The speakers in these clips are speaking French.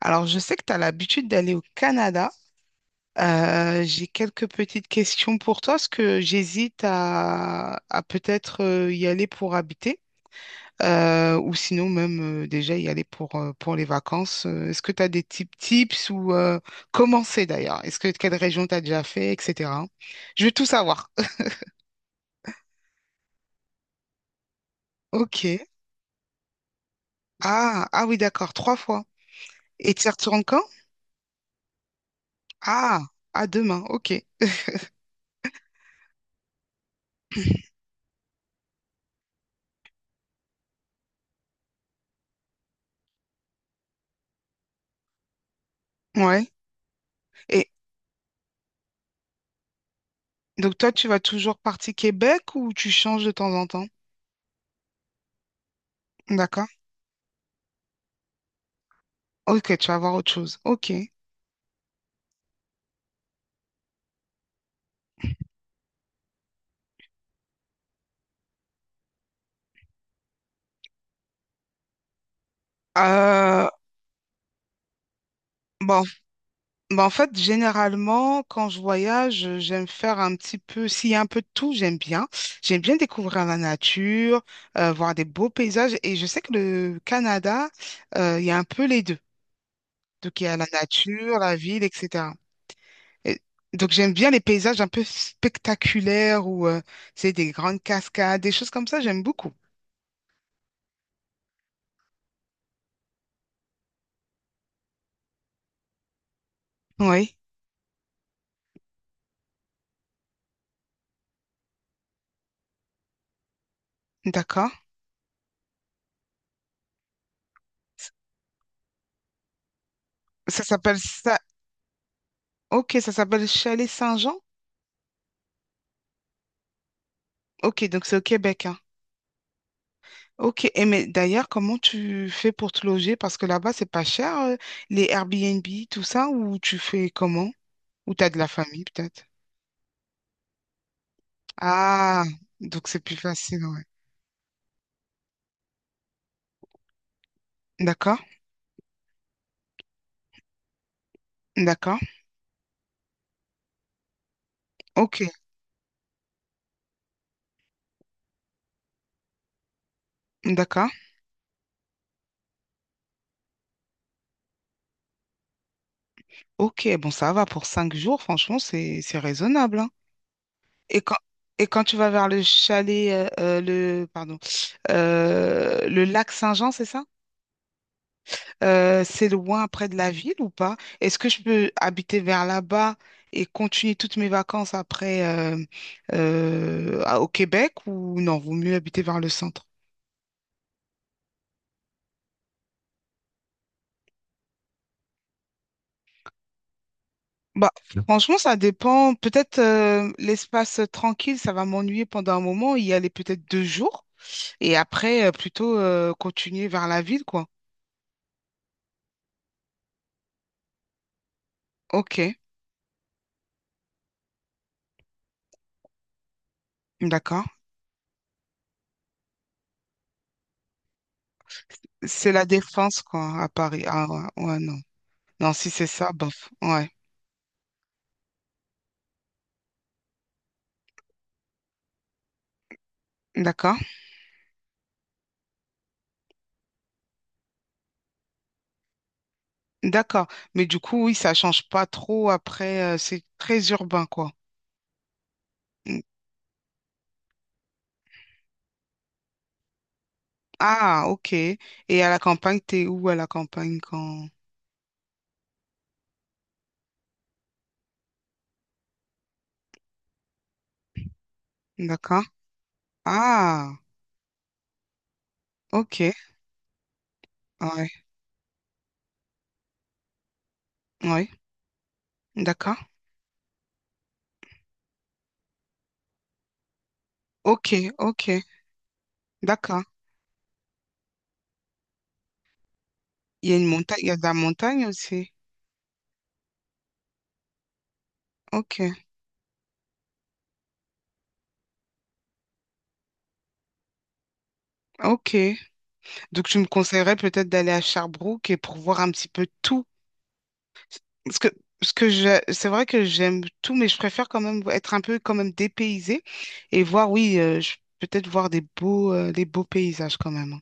Alors, je sais que tu as l'habitude d'aller au Canada. J'ai quelques petites questions pour toi, parce que j'hésite à peut-être y aller pour habiter, ou sinon même déjà y aller pour les vacances. Est-ce que tu as des types tips ou comment c'est d'ailleurs? Est-ce que quelle région tu as déjà fait, etc. Je veux tout savoir. Ok. Ah, ah oui, d'accord, trois fois. Et tu y retournes quand? Ah, à demain, ok. Ouais. Et donc toi, tu vas toujours partie Québec ou tu changes de temps en temps? D'accord. Ok, tu vas voir autre chose. Ok. Euh, bon, bah en fait, généralement, quand je voyage, j'aime faire un petit peu, s'il y a un peu de tout, j'aime bien. J'aime bien découvrir la nature, voir des beaux paysages. Et je sais que le Canada, il y a un peu les deux. Donc, il y a la nature, la ville, etc. Et donc, j'aime bien les paysages un peu spectaculaires où c'est des grandes cascades, des choses comme ça, j'aime beaucoup. Oui. D'accord. Ça s'appelle ça. Ok, ça s'appelle Chalet Saint-Jean. Ok, donc c'est au Québec, hein. Ok, et mais d'ailleurs, comment tu fais pour te loger? Parce que là-bas, c'est pas cher, les Airbnb, tout ça, ou tu fais comment? Ou t'as de la famille, peut-être? Ah, donc c'est plus facile, ouais. D'accord, d'accord, ok, d'accord, ok. Bon, ça va pour cinq jours, franchement, c'est raisonnable, hein. Et quand et quand tu vas vers le chalet, le pardon, le lac Saint-Jean, c'est ça? C'est loin près de la ville ou pas? Est-ce que je peux habiter vers là-bas et continuer toutes mes vacances après au Québec ou non, vaut mieux habiter vers le centre? Bah, franchement, ça dépend. Peut-être l'espace tranquille, ça va m'ennuyer pendant un moment, y aller peut-être deux jours et après plutôt continuer vers la ville, quoi. Ok, d'accord. C'est la Défense, quoi, à Paris. Ah ouais, ouais, non. Non, si c'est ça, bof. Ouais, d'accord. D'accord. Mais du coup, oui, ça change pas trop après. C'est très urbain, quoi. Mm. Ah, ok. Et à la campagne, t'es où à la campagne quand... D'accord. Ah, ok. Ouais, ouais. D'accord. Ok, ok. D'accord. Il y a une montagne, il y a de la montagne aussi. Ok, ok. Donc, tu me conseillerais peut-être d'aller à Sherbrooke et pour voir un petit peu tout. Parce que, ce que je, c'est vrai que j'aime tout, mais je préfère quand même être un peu quand même dépaysée et voir, oui, peut-être voir des beaux paysages quand même, hein.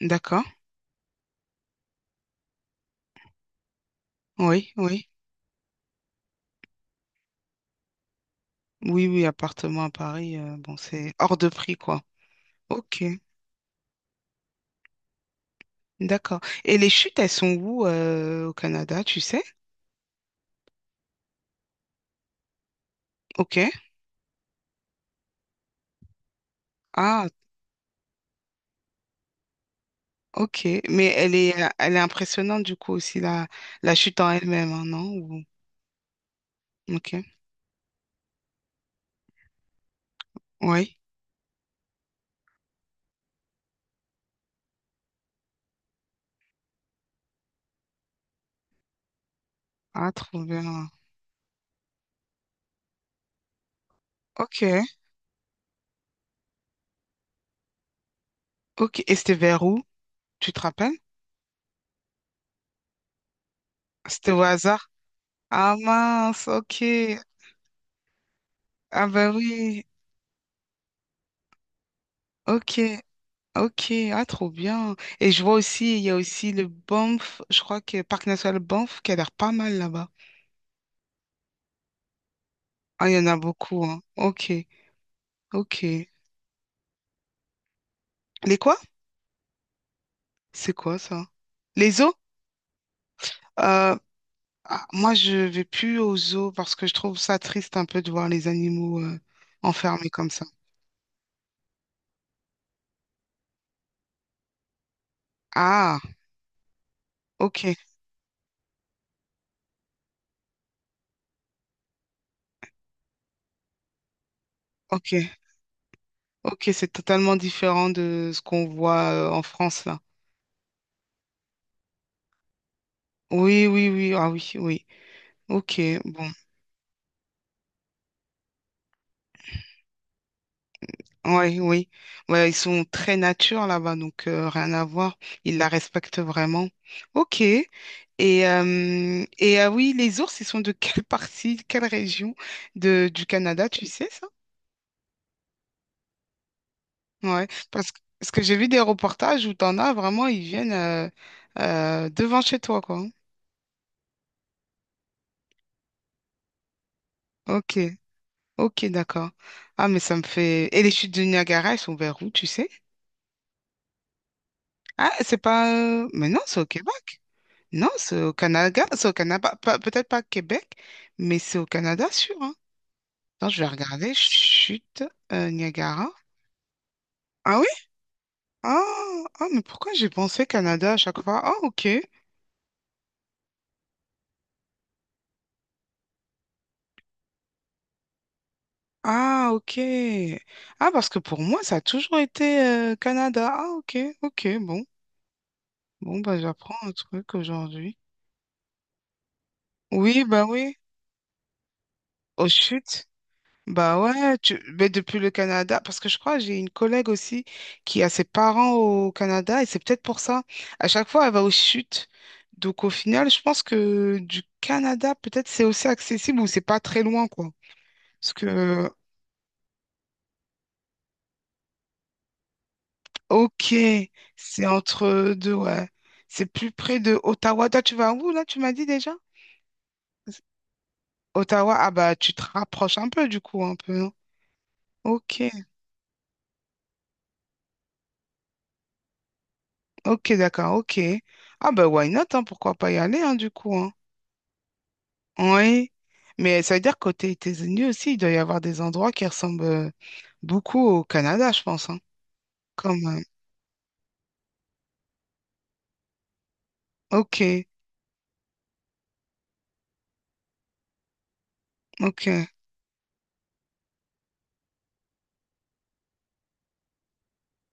D'accord? Oui, oui. Oui, oui, appartement à Paris, bon, c'est hors de prix, quoi. Ok, d'accord. Et les chutes, elles sont où au Canada, tu sais? Ok. Ah, ok. Mais elle est impressionnante, du coup, aussi, la chute en elle-même, hein, non? Ou- Ok. Oui. Ah, trop bien. Ok, ok. Et c'était vers où? Tu te rappelles? C'était au hasard. Ah mince, ok. Ah ben oui, ok, ok. Ah trop bien. Et je vois aussi, il y a aussi le Banff, je crois que Parc National Banff qui a l'air pas mal là-bas. Ah, il y en a beaucoup, hein. Ok, ok. Les quoi? C'est quoi ça? Les zoos? Euh, ah, moi, je vais plus aux zoos parce que je trouve ça triste un peu de voir les animaux enfermés comme ça. Ah, ok, ok. Ok, c'est totalement différent de ce qu'on voit en France là. Oui, oui, oui, ah oui, oui. Ok, bon. Ouais, oui. Ouais, ils sont très nature là-bas, donc rien à voir. Ils la respectent vraiment. Ok. Et ah oui, les ours, ils sont de quelle partie, quelle région de, du Canada, tu sais ça? Ouais. Parce que j'ai vu des reportages où t'en as vraiment, ils viennent devant chez toi, quoi. Ok. Ok, d'accord. Ah, mais ça me fait... Et les chutes du Niagara, elles sont vers où, tu sais? Ah, c'est pas... Mais non, c'est au Québec. Non, c'est au Canada. C'est au Canada. Pas- Peut-être pas Québec, mais c'est au Canada, sûr. Hein. Attends, je vais regarder. Chute Niagara. Ah oui? Ah, ah, mais pourquoi j'ai pensé Canada à chaque fois? Ah, ok. Ah, ok. Ah, parce que pour moi, ça a toujours été Canada. Ah, ok, ok, bon. Bon, bah, j'apprends un truc aujourd'hui. Oui, bah oui. Aux chutes. Bah ouais, tu... mais depuis le Canada, parce que je crois que j'ai une collègue aussi qui a ses parents au Canada et c'est peut-être pour ça. À chaque fois, elle va aux chutes. Donc au final, je pense que du Canada, peut-être c'est aussi accessible ou c'est pas très loin, quoi. Parce que, ok, c'est entre deux, ouais. C'est plus près de Ottawa. Toi, tu vas où là, tu m'as dit déjà? Ottawa, ah bah tu te rapproches un peu du coup, un peu, non? Ok, ok, d'accord, ok. Ah bah why not, hein, pourquoi pas y aller, hein, du coup, hein. Oui, mais ça veut dire côté États-Unis aussi, il doit y avoir des endroits qui ressemblent beaucoup au Canada, je pense, hein, quand même. Ok, ok,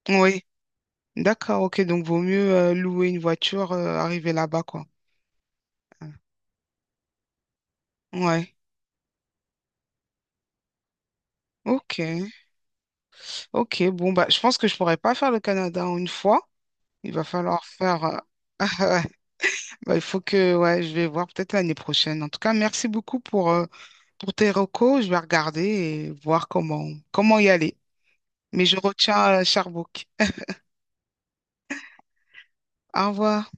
oui, d'accord, ok, donc vaut mieux louer une voiture, arriver là-bas, quoi. Ouais, ok, ok, bon, bah, je pense que je pourrais pas faire le Canada en une fois, il va falloir faire... bah, il faut que, ouais, je vais voir peut-être l'année prochaine. En tout cas, merci beaucoup pour tes recos, je vais regarder et voir comment, comment y aller. Mais je retiens Sherbrooke. Au revoir.